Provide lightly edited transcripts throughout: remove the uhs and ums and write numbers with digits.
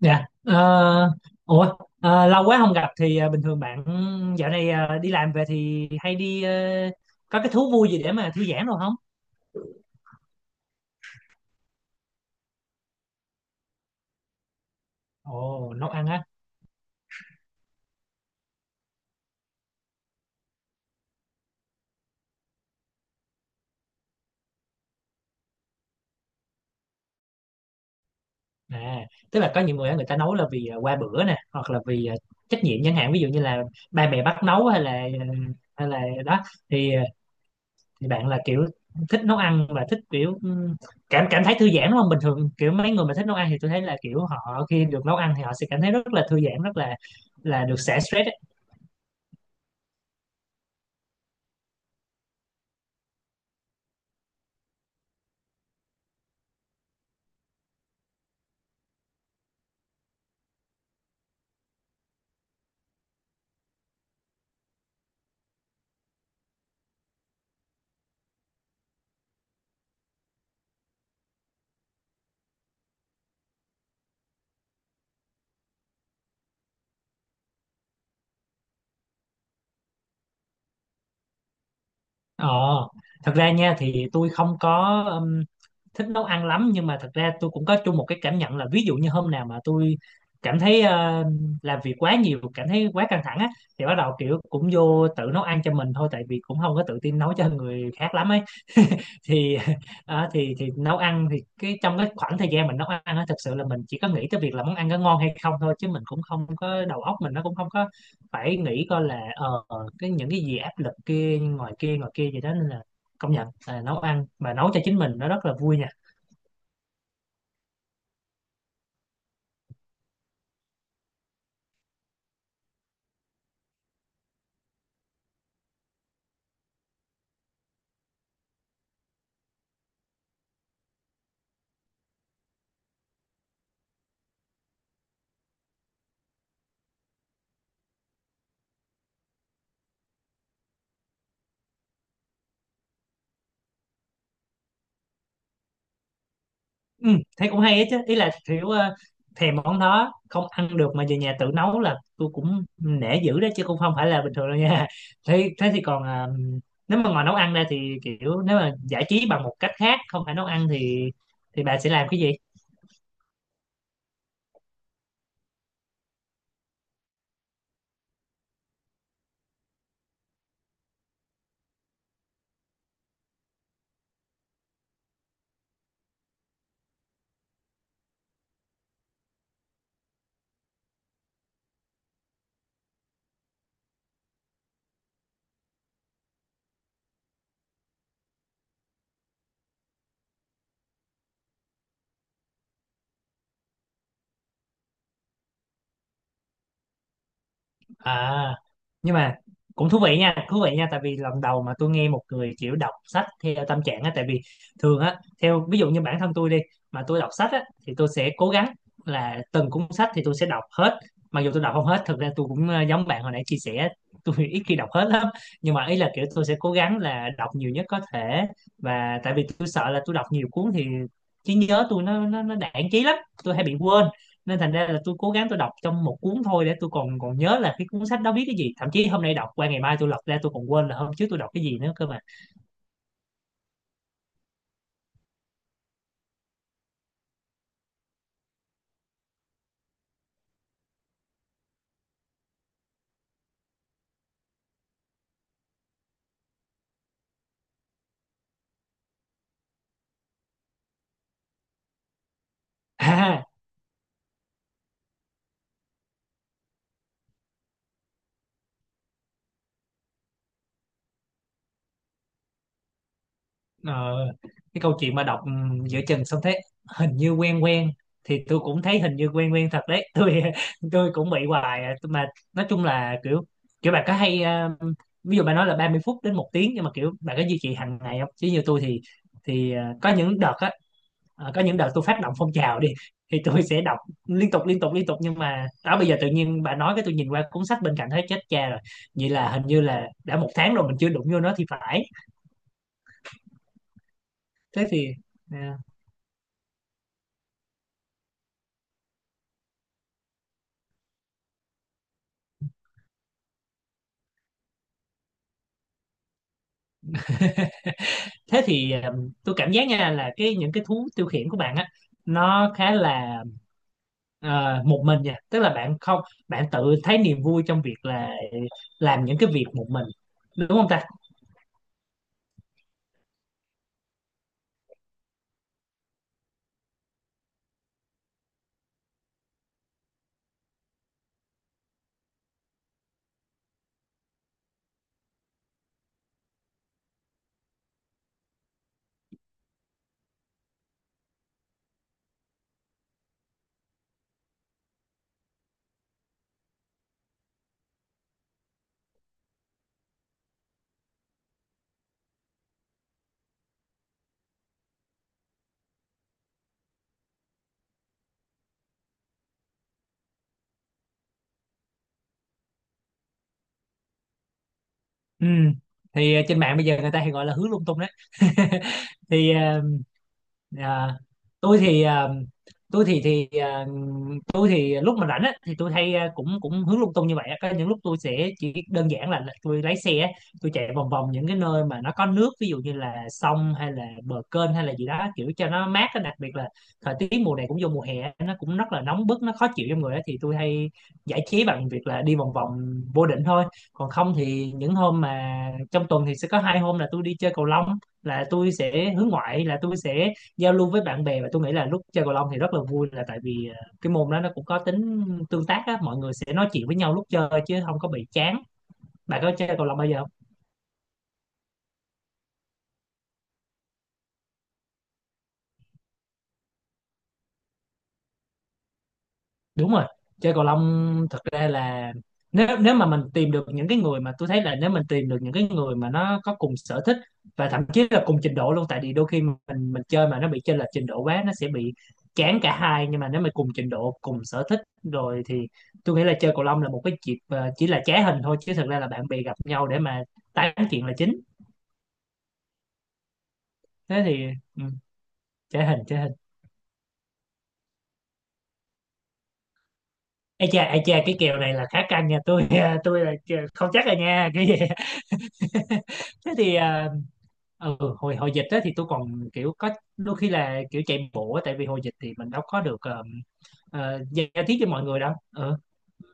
Dạ. Ờ, ủa lâu quá không gặp thì bình thường bạn dạo này đi làm về thì hay đi có cái thú vui gì để mà thư giãn rồi không? Ồ, nấu ăn á. À, tức là có nhiều người á, người ta nấu là vì qua bữa nè, hoặc là vì trách nhiệm, chẳng hạn ví dụ như là ba mẹ bắt nấu hay là ờ, hay là đó. Thì thì bạn là kiểu thích nấu ăn và thích kiểu, cảm cảm thấy thư giãn đúng không? Bình thường kiểu mấy người mà thích nấu ăn thì tôi thấy là kiểu họ khi được nấu ăn thì họ sẽ cảm thấy rất là thư giãn, rất là được xả stress. Ờ, thật ra nha, thì tôi không có thích nấu ăn lắm, nhưng mà thật ra tôi cũng có chung một cái cảm nhận là ví dụ như hôm nào mà tôi cảm thấy làm việc quá nhiều, cảm thấy quá căng thẳng á, thì bắt đầu kiểu cũng vô tự nấu ăn cho mình thôi, tại vì cũng không có tự tin nấu cho người khác lắm ấy thì à, thì nấu ăn, thì cái trong cái khoảng thời gian mình nấu ăn á, thực sự là mình chỉ có nghĩ tới việc là món ăn có ngon hay không thôi, chứ mình cũng không có đầu óc, mình nó cũng không có phải nghĩ coi là cái những cái gì áp lực kia ngoài kia ngoài kia gì đó, nên là công nhận là nấu ăn mà nấu cho chính mình nó rất là vui nha. Ừ, thế cũng hay ấy chứ, ý là kiểu thèm món đó không ăn được mà về nhà tự nấu, là tôi cũng nể dữ đó chứ, cũng không phải là bình thường đâu nha. thế thế thì còn à, nếu mà ngoài nấu ăn ra thì kiểu nếu mà giải trí bằng một cách khác không phải nấu ăn thì bà sẽ làm cái gì? À, nhưng mà cũng thú vị nha, thú vị nha, tại vì lần đầu mà tôi nghe một người kiểu đọc sách theo tâm trạng á. Tại vì thường á, theo ví dụ như bản thân tôi đi, mà tôi đọc sách á thì tôi sẽ cố gắng là từng cuốn sách thì tôi sẽ đọc hết. Mặc dù tôi đọc không hết, thực ra tôi cũng giống bạn hồi nãy chia sẻ, tôi ít khi đọc hết lắm. Nhưng mà ý là kiểu tôi sẽ cố gắng là đọc nhiều nhất có thể, và tại vì tôi sợ là tôi đọc nhiều cuốn thì trí nhớ tôi nó đãng trí lắm, tôi hay bị quên, nên thành ra là tôi cố gắng tôi đọc trong một cuốn thôi để tôi còn còn nhớ là cái cuốn sách đó viết cái gì. Thậm chí hôm nay đọc qua ngày mai tôi lật ra tôi còn quên là hôm trước tôi đọc cái gì nữa cơ mà. à, ờ, cái câu chuyện mà đọc, ừ, giữa chừng xong thấy hình như quen quen, thì tôi cũng thấy hình như quen quen thật đấy. Tôi cũng bị hoài à. Mà nói chung là kiểu kiểu bạn có hay à, ví dụ bạn nói là 30 phút đến một tiếng, nhưng mà kiểu bạn có duy trì hàng ngày không? Chứ như tôi thì có những đợt á. Ờ, có những đợt tôi phát động phong trào đi thì tôi sẽ đọc liên tục liên tục liên tục, nhưng mà đó, bây giờ tự nhiên bà nói cái tôi nhìn qua cuốn sách bên cạnh thấy chết cha rồi, vậy là hình như là đã một tháng rồi mình chưa đụng vô nó thì phải. thế thì à, thế thì à, tôi cảm giác nha là cái những cái thú tiêu khiển của bạn á, nó khá là một mình nha. Tức là bạn không, bạn tự thấy niềm vui trong việc là làm những cái việc một mình, đúng không ta? Ừ. Thì trên mạng bây giờ người ta hay gọi là hướng lung tung đấy. thì à, À, tôi thì à, tôi thì thì à, tôi thì lúc mà rảnh á thì tôi hay cũng cũng hướng lung tung như vậy á. Có những lúc tôi sẽ chỉ đơn giản là, tôi lái xe á, tôi chạy vòng vòng những cái nơi mà nó có nước, ví dụ như là sông hay là bờ kênh hay là gì đó kiểu cho nó mát á. Đặc biệt là thời tiết mùa này cũng vô mùa hè á, nó cũng rất là nóng bức, nó khó chịu trong người á, thì tôi hay giải trí bằng việc là đi vòng vòng vô định thôi. Còn không thì những hôm mà trong tuần thì sẽ có hai hôm là tôi đi chơi cầu lông, là tôi sẽ hướng ngoại, là tôi sẽ giao lưu với bạn bè. Và tôi nghĩ là lúc chơi cầu lông thì rất là vui, là tại vì cái môn đó nó cũng có tính tương tác á, mọi người sẽ nói chuyện với nhau lúc chơi chứ không có bị chán. Bạn có chơi cầu lông bao giờ không? Đúng rồi, chơi cầu lông thật ra là nếu nếu mà mình tìm được những cái người, mà tôi thấy là nếu mình tìm được những cái người mà nó có cùng sở thích và thậm chí là cùng trình độ luôn, tại vì đôi khi mình chơi mà nó bị chênh lệch trình độ quá nó sẽ bị chán cả hai. Nhưng mà nếu mà cùng trình độ, cùng sở thích rồi thì tôi nghĩ là chơi cầu lông là một cái dịp chỉ là trá hình thôi, chứ thật ra là bạn bè gặp nhau để mà tán chuyện là chính. Thế thì, ừ, trá hình, trá hình. Ê cha, cái kèo này là khá căng nha, tôi tôi là không chắc rồi nha, cái gì. thế thì à, ừ, hồi hồi dịch đó thì tôi còn kiểu có đôi khi là kiểu chạy bộ á, tại vì hồi dịch thì mình đâu có được giao tiếp với mọi người đâu, ừ,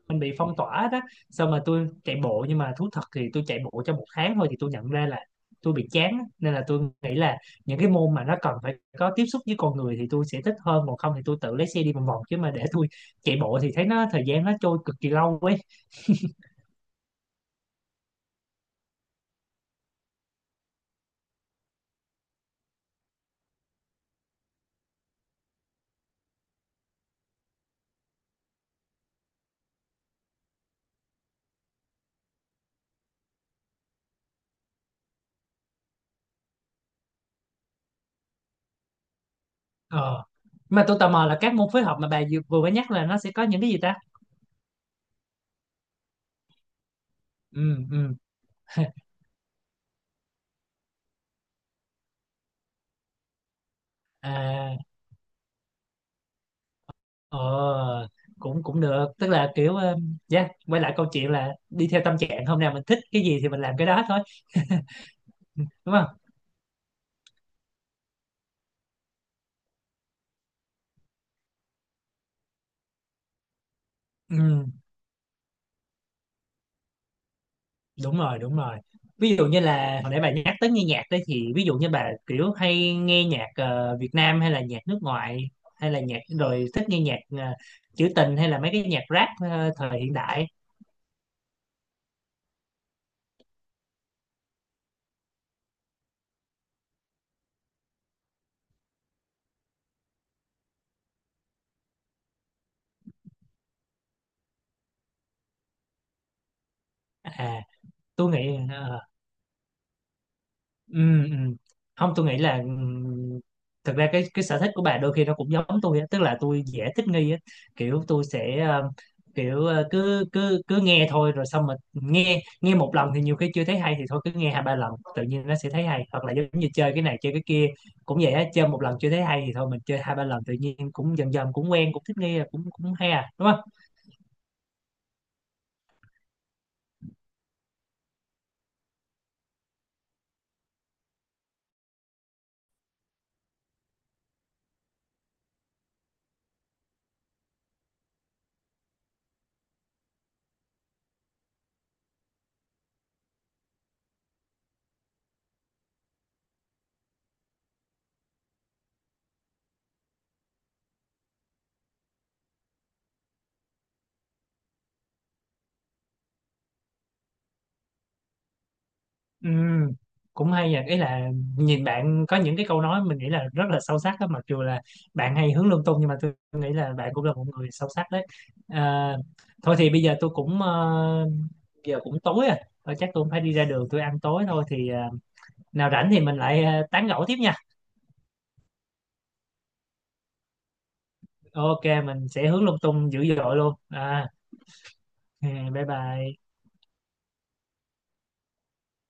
mình bị phong tỏa đó. Xong mà tôi chạy bộ, nhưng mà thú thật thì tôi chạy bộ trong một tháng thôi thì tôi nhận ra là tôi bị chán á. Nên là tôi nghĩ là những cái môn mà nó cần phải có tiếp xúc với con người thì tôi sẽ thích hơn, còn không thì tôi tự lấy xe đi vòng vòng, chứ mà để tôi chạy bộ thì thấy nó, thời gian nó trôi cực kỳ lâu ấy. ờ mà tôi tò mò là các môn phối hợp mà bà vừa vừa mới nhắc là nó sẽ có những cái gì ta. Ừ ừ, à, ờ cũng cũng được, tức là kiểu dạ quay lại câu chuyện là đi theo tâm trạng, hôm nào mình thích cái gì thì mình làm cái đó thôi. Ừ, đúng không. Ừ, đúng rồi, đúng rồi. Ví dụ như là hồi nãy bà nhắc tới nghe nhạc đấy, thì ví dụ như bà kiểu hay nghe nhạc Việt Nam hay là nhạc nước ngoài, hay là nhạc, rồi thích nghe nhạc ờ, trữ tình hay là mấy cái nhạc rap thời hiện đại? À, tôi nghĩ ừ, ừ. Không, tôi nghĩ là thực ra cái sở thích của bà đôi khi nó cũng giống tôi á, tức là tôi dễ thích nghi á. Kiểu tôi sẽ kiểu cứ cứ cứ nghe thôi, rồi xong mình nghe nghe một lần thì nhiều khi chưa thấy hay, thì thôi cứ nghe hai ba lần tự nhiên nó sẽ thấy hay. Hoặc là giống như chơi cái này chơi cái kia cũng vậy á, chơi một lần chưa thấy hay thì thôi mình chơi hai ba lần tự nhiên cũng dần dần cũng quen, cũng thích nghi, cũng cũng hay à, đúng không? Ừ, cũng hay vậy, ý là nhìn bạn có những cái câu nói mình nghĩ là rất là sâu sắc đó, mặc dù là bạn hay hướng lung tung nhưng mà tôi nghĩ là bạn cũng là một người sâu sắc đấy. À, thôi thì bây giờ tôi cũng giờ cũng tối rồi. Thôi chắc tôi cũng phải đi ra đường tôi ăn tối thôi, thì nào rảnh thì mình lại tán gẫu tiếp nha. Ok, mình sẽ hướng lung tung dữ dội luôn à, ừ, bye bye.